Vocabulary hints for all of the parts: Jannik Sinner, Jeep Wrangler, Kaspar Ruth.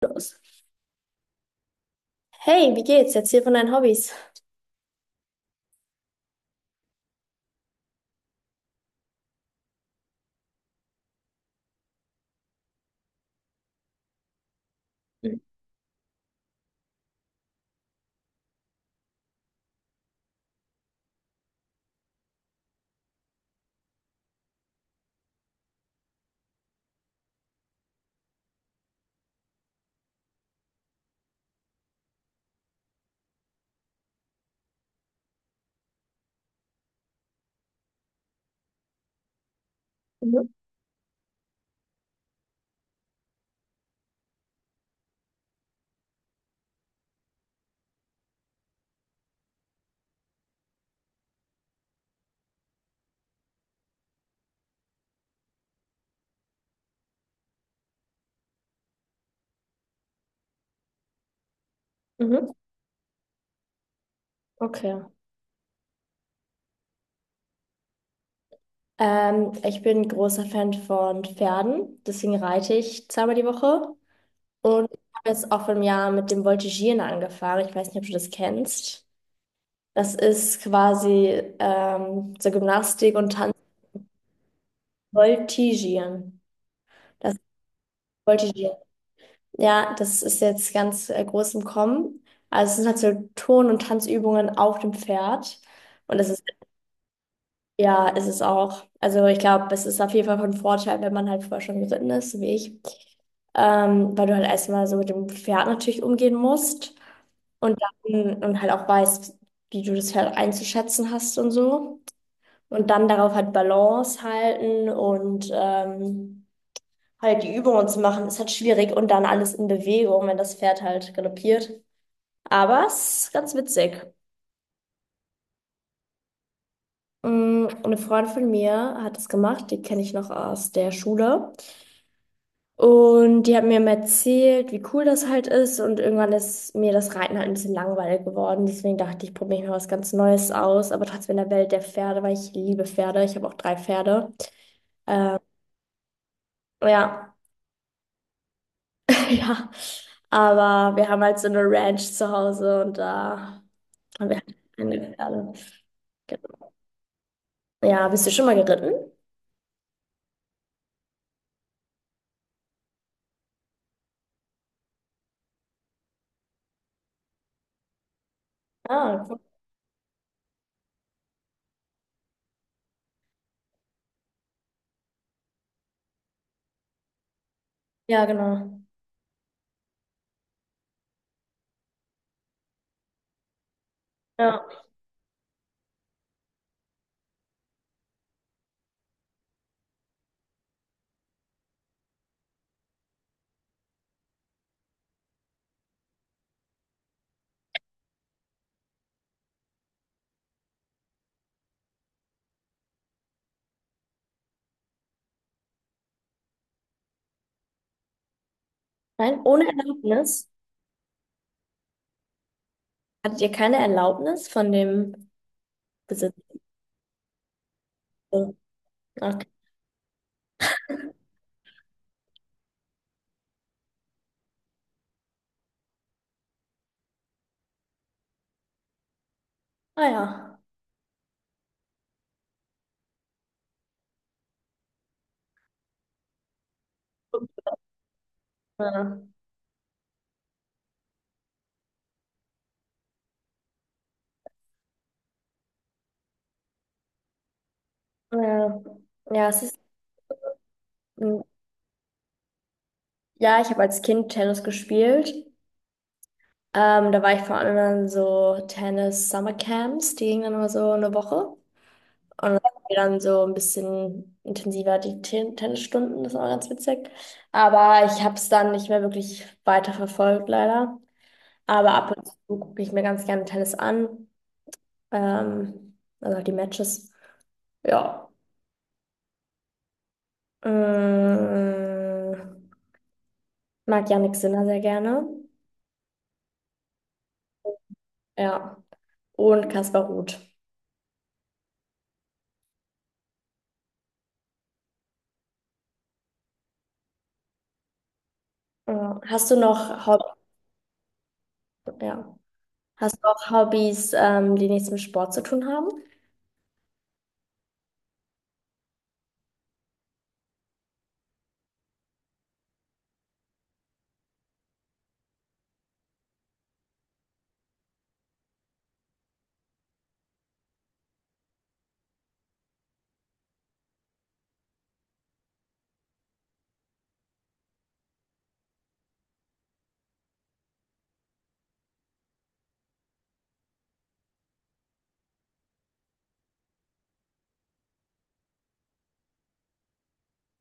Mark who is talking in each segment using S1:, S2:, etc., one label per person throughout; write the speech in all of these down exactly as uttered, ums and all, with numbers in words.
S1: Los. Hey, wie geht's? Erzähl von deinen Hobbys. Mhm. Mhm. Okay. Ähm, ich bin großer Fan von Pferden, deswegen reite ich zweimal die Woche. Und ich habe jetzt auch vor einem Jahr mit dem Voltigieren angefangen. Ich weiß nicht, ob du das kennst. Das ist quasi ähm, so Gymnastik und Tanz. Voltigieren. Das Voltigieren. Ja, das ist jetzt ganz äh, groß im Kommen. Also es sind halt so Turn- und Tanzübungen auf dem Pferd. Und das ist. Ja, ist es auch. Also ich glaube, es ist auf jeden Fall von Vorteil, wenn man halt vorher schon geritten ist, so wie ich. Ähm, weil du halt erstmal so mit dem Pferd natürlich umgehen musst und dann und halt auch weißt, wie du das Pferd einzuschätzen hast und so. Und dann darauf halt Balance halten und ähm, halt die Übungen zu machen, ist halt schwierig und dann alles in Bewegung, wenn das Pferd halt galoppiert. Aber es ist ganz witzig. Mm, eine Freundin von mir hat es gemacht, die kenne ich noch aus der Schule. Und die haben mir immer erzählt, wie cool das halt ist. Und irgendwann ist mir das Reiten halt ein bisschen langweilig geworden. Deswegen dachte ich, probiere ich mal was ganz Neues aus. Aber trotzdem in der Welt der Pferde, weil ich liebe Pferde. Ich habe auch drei Pferde. Ähm, ja, ja. Aber wir haben halt so eine Ranch zu Hause und da haben wir halt keine Pferde. Genau. Ja, bist du schon mal geritten? Ah, cool. Ja, genau. Ja. Nein, ohne Erlaubnis? Hattet ihr keine Erlaubnis von dem Besitzer? Okay. Ah ja. Ja, ja, ja, es ist, ja, ich habe als Kind Tennis gespielt. Ähm, da war ich vor allem an so Tennis-Summer-Camps, die gingen dann immer so eine Woche. Und dann hatten wir dann so ein bisschen intensiver die Ten Tennisstunden, das war ganz witzig. Aber ich habe es dann nicht mehr wirklich weiter verfolgt, leider. Aber ab und zu gucke ich mir ganz gerne Tennis an. Ähm, also die Matches. Ja. Mm, mag Jannik Sinner sehr gerne. Ja. Und Kaspar Ruth. Ja. Hast du noch Hob Ja. Hast du auch Hobbys, ähm, die nichts mit Sport zu tun haben?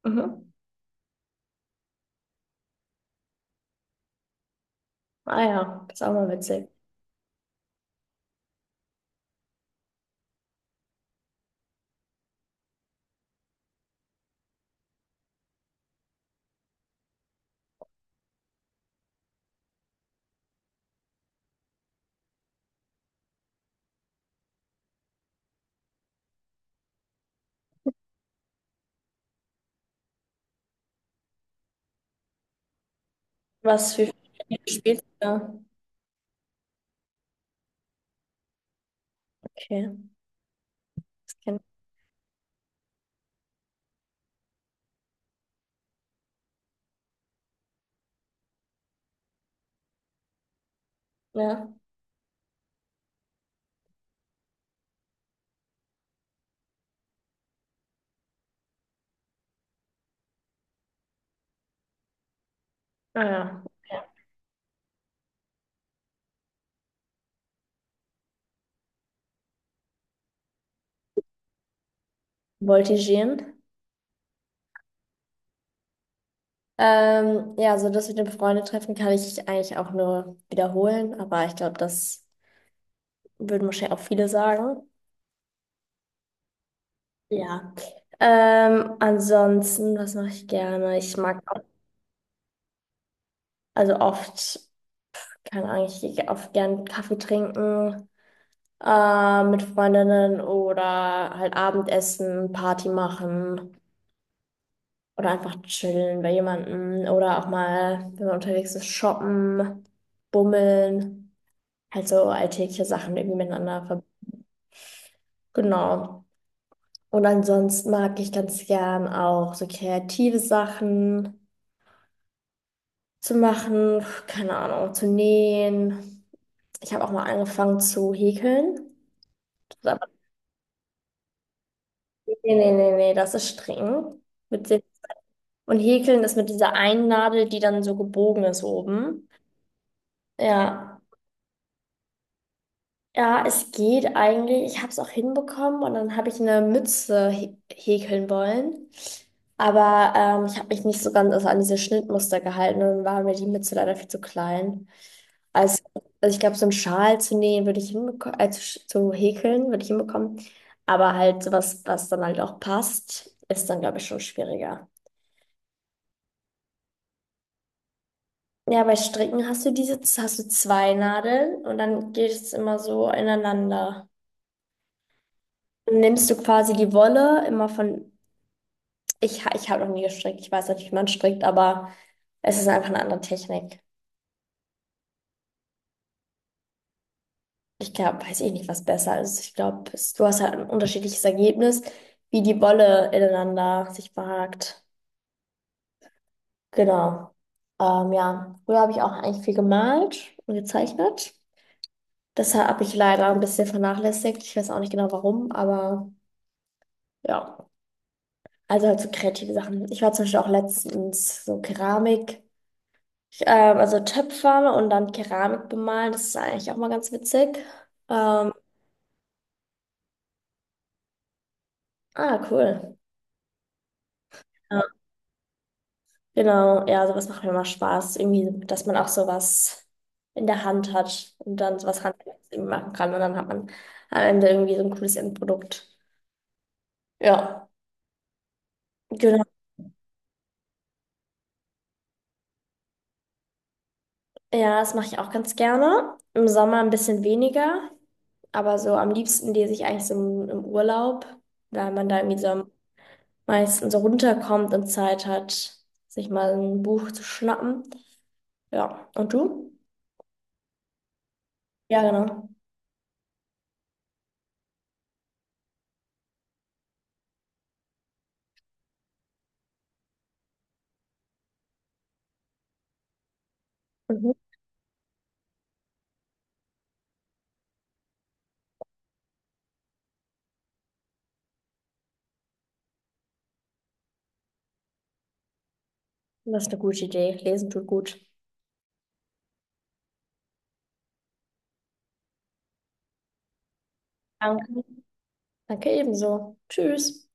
S1: Mhm. Ah ja, das ist auch mal witzig. Was für Spiele spielst du da? Okay, das kennt, ja. Ah ja. Ja. Voltigieren. Ähm, ja, also das mit dem Freundetreffen kann ich eigentlich auch nur wiederholen, aber ich glaube, das würden wahrscheinlich auch viele sagen. Ja. Ähm, ansonsten, was mache ich gerne? Ich mag auch, also oft, keine Ahnung, ich gehe oft gern Kaffee trinken äh, mit Freundinnen oder halt Abendessen, Party machen oder einfach chillen bei jemandem oder auch mal, wenn man unterwegs ist, shoppen, bummeln, halt so alltägliche Sachen irgendwie miteinander verbinden. Genau. Und ansonsten mag ich ganz gern auch so kreative Sachen zu machen, keine Ahnung, zu nähen. Ich habe auch mal angefangen zu häkeln. Das. Nee, nee, nee, nee, das ist streng. Mit Sitz. Und Häkeln ist mit dieser einen Nadel, die dann so gebogen ist oben. Ja. Ja, es geht eigentlich. Ich habe es auch hinbekommen und dann habe ich eine Mütze hä- häkeln wollen. Aber ähm, ich habe mich nicht so ganz, also an diese Schnittmuster gehalten und dann war mir die Mütze leider viel zu klein. Also, also ich glaube, so einen Schal zu nähen würde ich hinbekommen, äh, zu, sch- zu häkeln würde ich hinbekommen. Aber halt sowas, was dann halt auch passt, ist dann, glaube ich, schon schwieriger. Ja, bei Stricken hast du diese, hast du zwei Nadeln und dann geht es immer so ineinander. Dann nimmst du quasi die Wolle immer von, ich, ha- ich habe noch nie gestrickt, ich weiß nicht, wie man strickt, aber es ist einfach eine andere Technik. Ich glaube, weiß ich nicht, was besser ist. Ich glaube, du hast halt ein unterschiedliches Ergebnis, wie die Wolle ineinander sich verhakt. Genau. Ähm, ja, früher habe ich auch eigentlich viel gemalt und gezeichnet. Das habe ich leider ein bisschen vernachlässigt. Ich weiß auch nicht genau warum, aber ja. Also halt so kreative Sachen. Ich war zum Beispiel auch letztens so Keramik, ähm, also Töpfer und dann Keramik bemalen. Das ist eigentlich auch mal ganz witzig. Ähm, ah, cool. Ja, genau, ja, sowas macht mir immer Spaß. Irgendwie, dass man auch sowas in der Hand hat und dann sowas Handwerkliches irgendwie machen kann. Und dann hat man am Ende irgendwie so ein cooles Endprodukt. Ja, genau. Ja, das mache ich auch ganz gerne. Im Sommer ein bisschen weniger, aber so am liebsten lese ich eigentlich so im, im Urlaub, weil man da irgendwie so am meistens so runterkommt und Zeit hat, sich mal ein Buch zu schnappen. Ja, und du? Ja, genau. Mhm. Das ist eine gute Idee. Lesen tut gut. Danke. Danke ebenso. Tschüss.